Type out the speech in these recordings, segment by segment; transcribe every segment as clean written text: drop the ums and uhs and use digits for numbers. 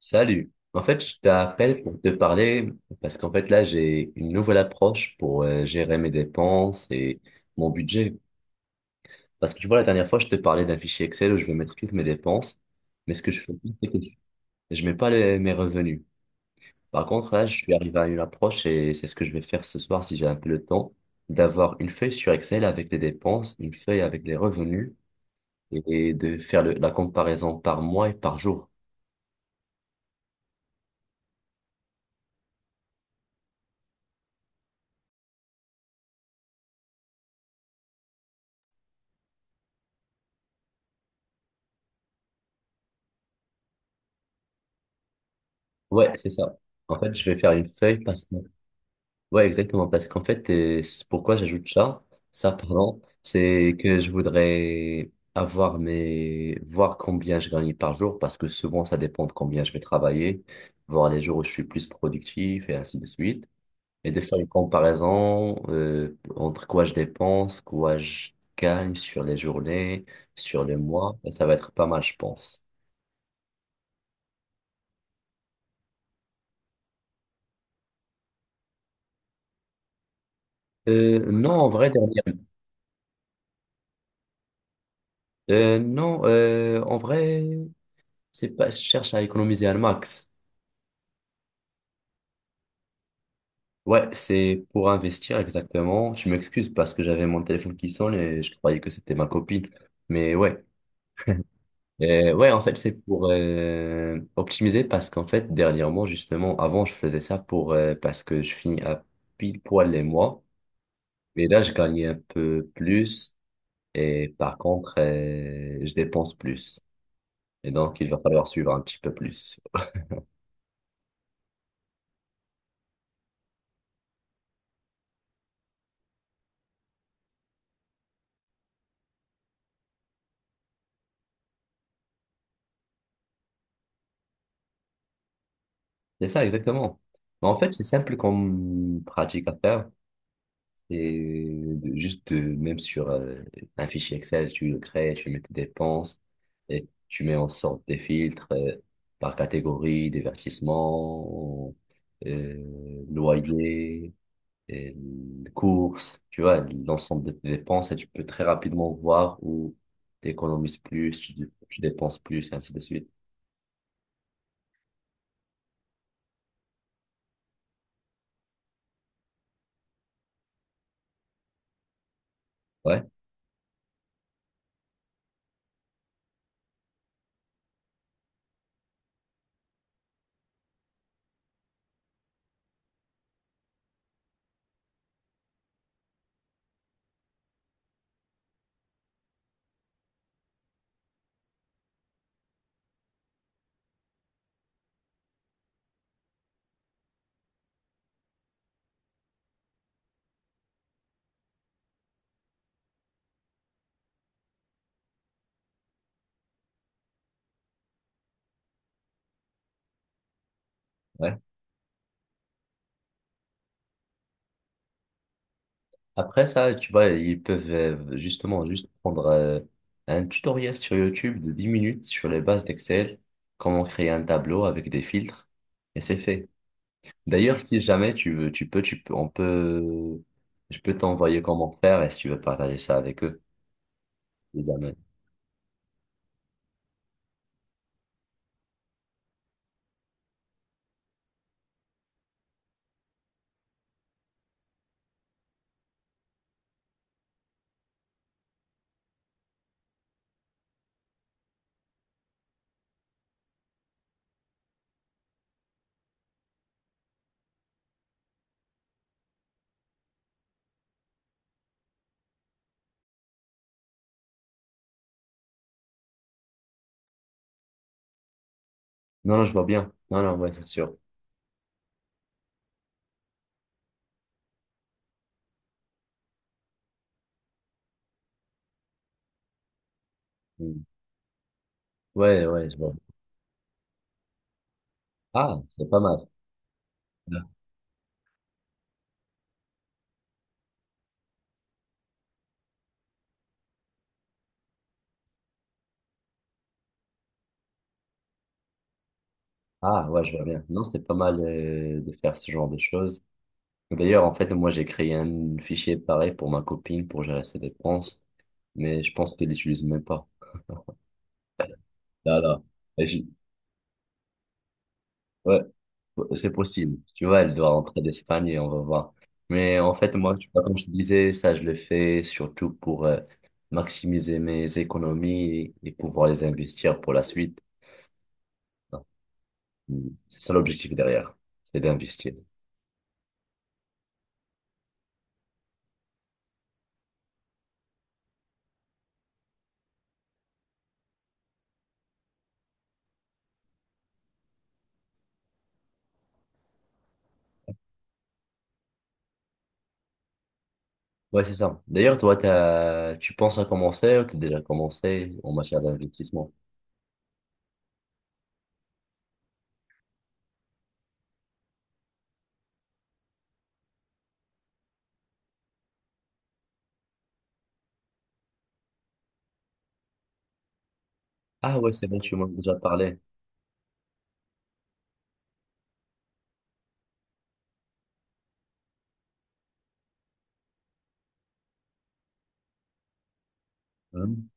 Salut. En fait, je t'appelle pour te parler parce qu'en fait là, j'ai une nouvelle approche pour gérer mes dépenses et mon budget. Parce que tu vois, la dernière fois, je te parlais d'un fichier Excel où je vais mettre toutes mes dépenses, mais ce que je fais, je mets pas mes revenus. Par contre, là, je suis arrivé à une approche et c'est ce que je vais faire ce soir si j'ai un peu le temps, d'avoir une feuille sur Excel avec les dépenses, une feuille avec les revenus et de faire la comparaison par mois et par jour. Ouais, c'est ça. En fait, je vais faire une feuille. Ouais, exactement, parce qu'en fait, c'est pourquoi j'ajoute ça, ça, pardon, c'est que je voudrais avoir mes, voir combien je gagne par jour, parce que souvent, ça dépend de combien je vais travailler, voir les jours où je suis plus productif et ainsi de suite, et de faire une comparaison, entre quoi je dépense, quoi je gagne sur les journées, sur les mois, et ça va être pas mal, je pense. Non, en vrai, dernière, non, en vrai, c'est pas, je cherche à économiser un max. Ouais, c'est pour investir exactement. Je m'excuse parce que j'avais mon téléphone qui sonne et je croyais que c'était ma copine. Mais ouais, ouais, en fait, c'est pour optimiser parce qu'en fait, dernièrement, justement, avant, je faisais ça pour parce que je finis à pile poil les mois. Et là, je gagnais un peu plus et par contre, je dépense plus. Et donc, il va falloir suivre un petit peu plus. C'est ça, exactement. Mais en fait, c'est simple comme pratique à faire. Et juste même sur un fichier Excel, tu le crées, tu mets tes dépenses et tu mets en sorte des filtres par catégorie, divertissement, loyer, et courses, tu vois, l'ensemble de tes dépenses et tu peux très rapidement voir où tu économises plus, tu dépenses plus, et ainsi de suite. Ouais, ouais. Après ça, tu vois, ils peuvent justement juste prendre un tutoriel sur YouTube de 10 minutes sur les bases d'Excel, comment créer un tableau avec des filtres, et c'est fait. D'ailleurs, si jamais tu veux, tu peux, on peut, je peux t'envoyer comment faire et si tu veux partager ça avec eux. Évidemment. Non, non, je vois bien. Non, non, ouais, c'est sûr. Mm. Ouais, ouais, je vois. Ah, c'est pas mal. Ah, ouais, je vois bien. Non, c'est pas mal de faire ce genre de choses. D'ailleurs, en fait, moi, j'ai créé un fichier pareil pour ma copine pour gérer ses dépenses, mais je pense qu'elle l'utilise même pas. Là, là. Et ouais, ouais, c'est possible. Tu vois, elle doit rentrer d'Espagne et on va voir. Mais en fait, moi, tu vois, comme je te disais, ça, je le fais surtout pour maximiser mes économies et pouvoir les investir pour la suite. Mm. C'est ça l'objectif derrière, c'est d'investir. Ouais, c'est ça. D'ailleurs, toi, t'as... tu penses à commencer ou t'as déjà commencé en matière d'investissement? Ah ouais, c'est bon, tu m'en as déjà parlé. Hum.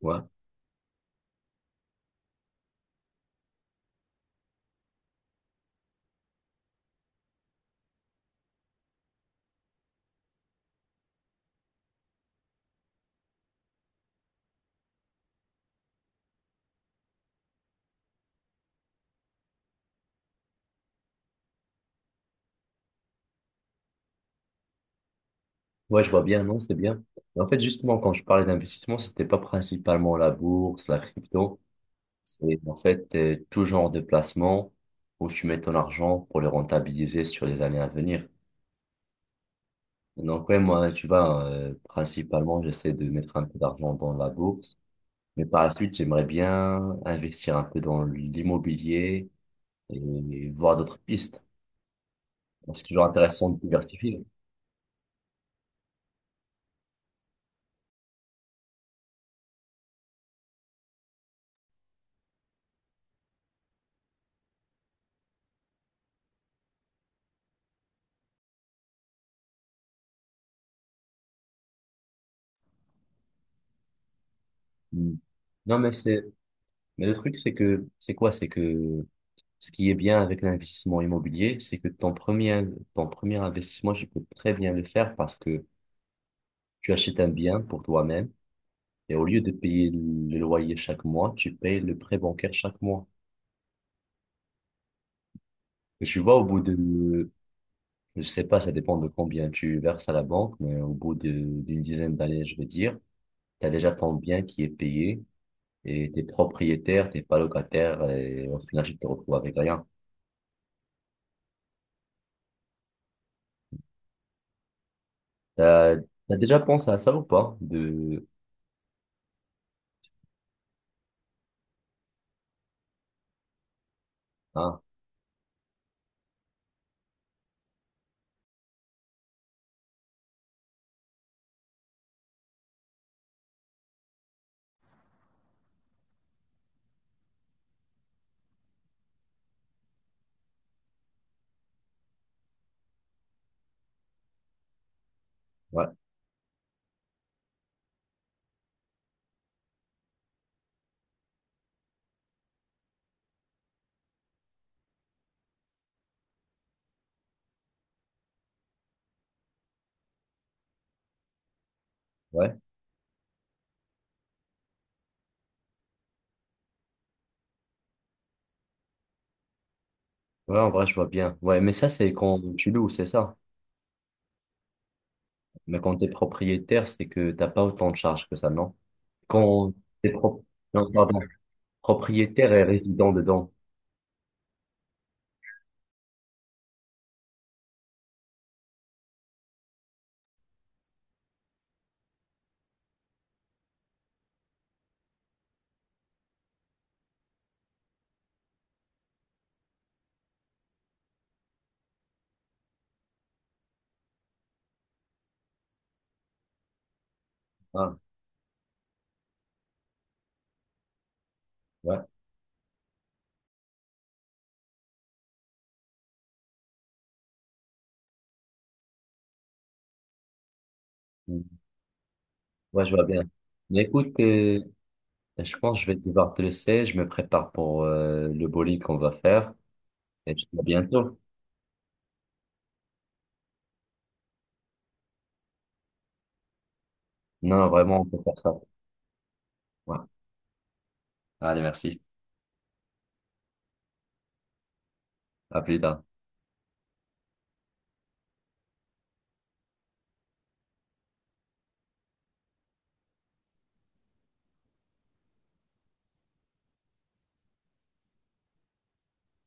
Ouais. Ouais, je vois bien, non, c'est bien. Et en fait, justement, quand je parlais d'investissement, c'était pas principalement la bourse, la crypto. C'est en fait tout genre de placement où tu mets ton argent pour le rentabiliser sur les années à venir. Donc ouais, moi, tu vois, principalement, j'essaie de mettre un peu d'argent dans la bourse. Mais par la suite, j'aimerais bien investir un peu dans l'immobilier et voir d'autres pistes. Donc, c'est toujours intéressant de diversifier. Hum. Non, mais c'est... Mais le truc, c'est que, c'est quoi? C'est que ce qui est bien avec l'investissement immobilier, c'est que ton premier investissement, tu peux très bien le faire parce que tu achètes un bien pour toi-même et au lieu de payer le loyer chaque mois, tu payes le prêt bancaire chaque mois. Et tu vois, au bout de, je sais pas, ça dépend de combien tu verses à la banque, mais d'une dizaine d'années, je veux dire, tu as déjà ton bien qui est payé et t'es propriétaire, t'es pas locataire et au final, tu te retrouves avec rien. T'as, t'as déjà pensé à ça ou pas? De... Ah, ouais, ouais. Ouais, en vrai, je vois bien. Ouais, mais ça, c'est quand tu loues, c'est ça. Mais quand t'es propriétaire, c'est que t'as pas autant de charges que ça, non? Quand t'es pro... non, pardon, propriétaire et résident dedans. Ah, ouais. Mm. Ouais, je vois bien. Mais écoute, je pense que je vais devoir te laisser. Je me prépare pour le bowling qu'on va faire. Et je te dis à bientôt. Non, vraiment, on peut faire ça. Ouais. Allez, merci. À plus tard.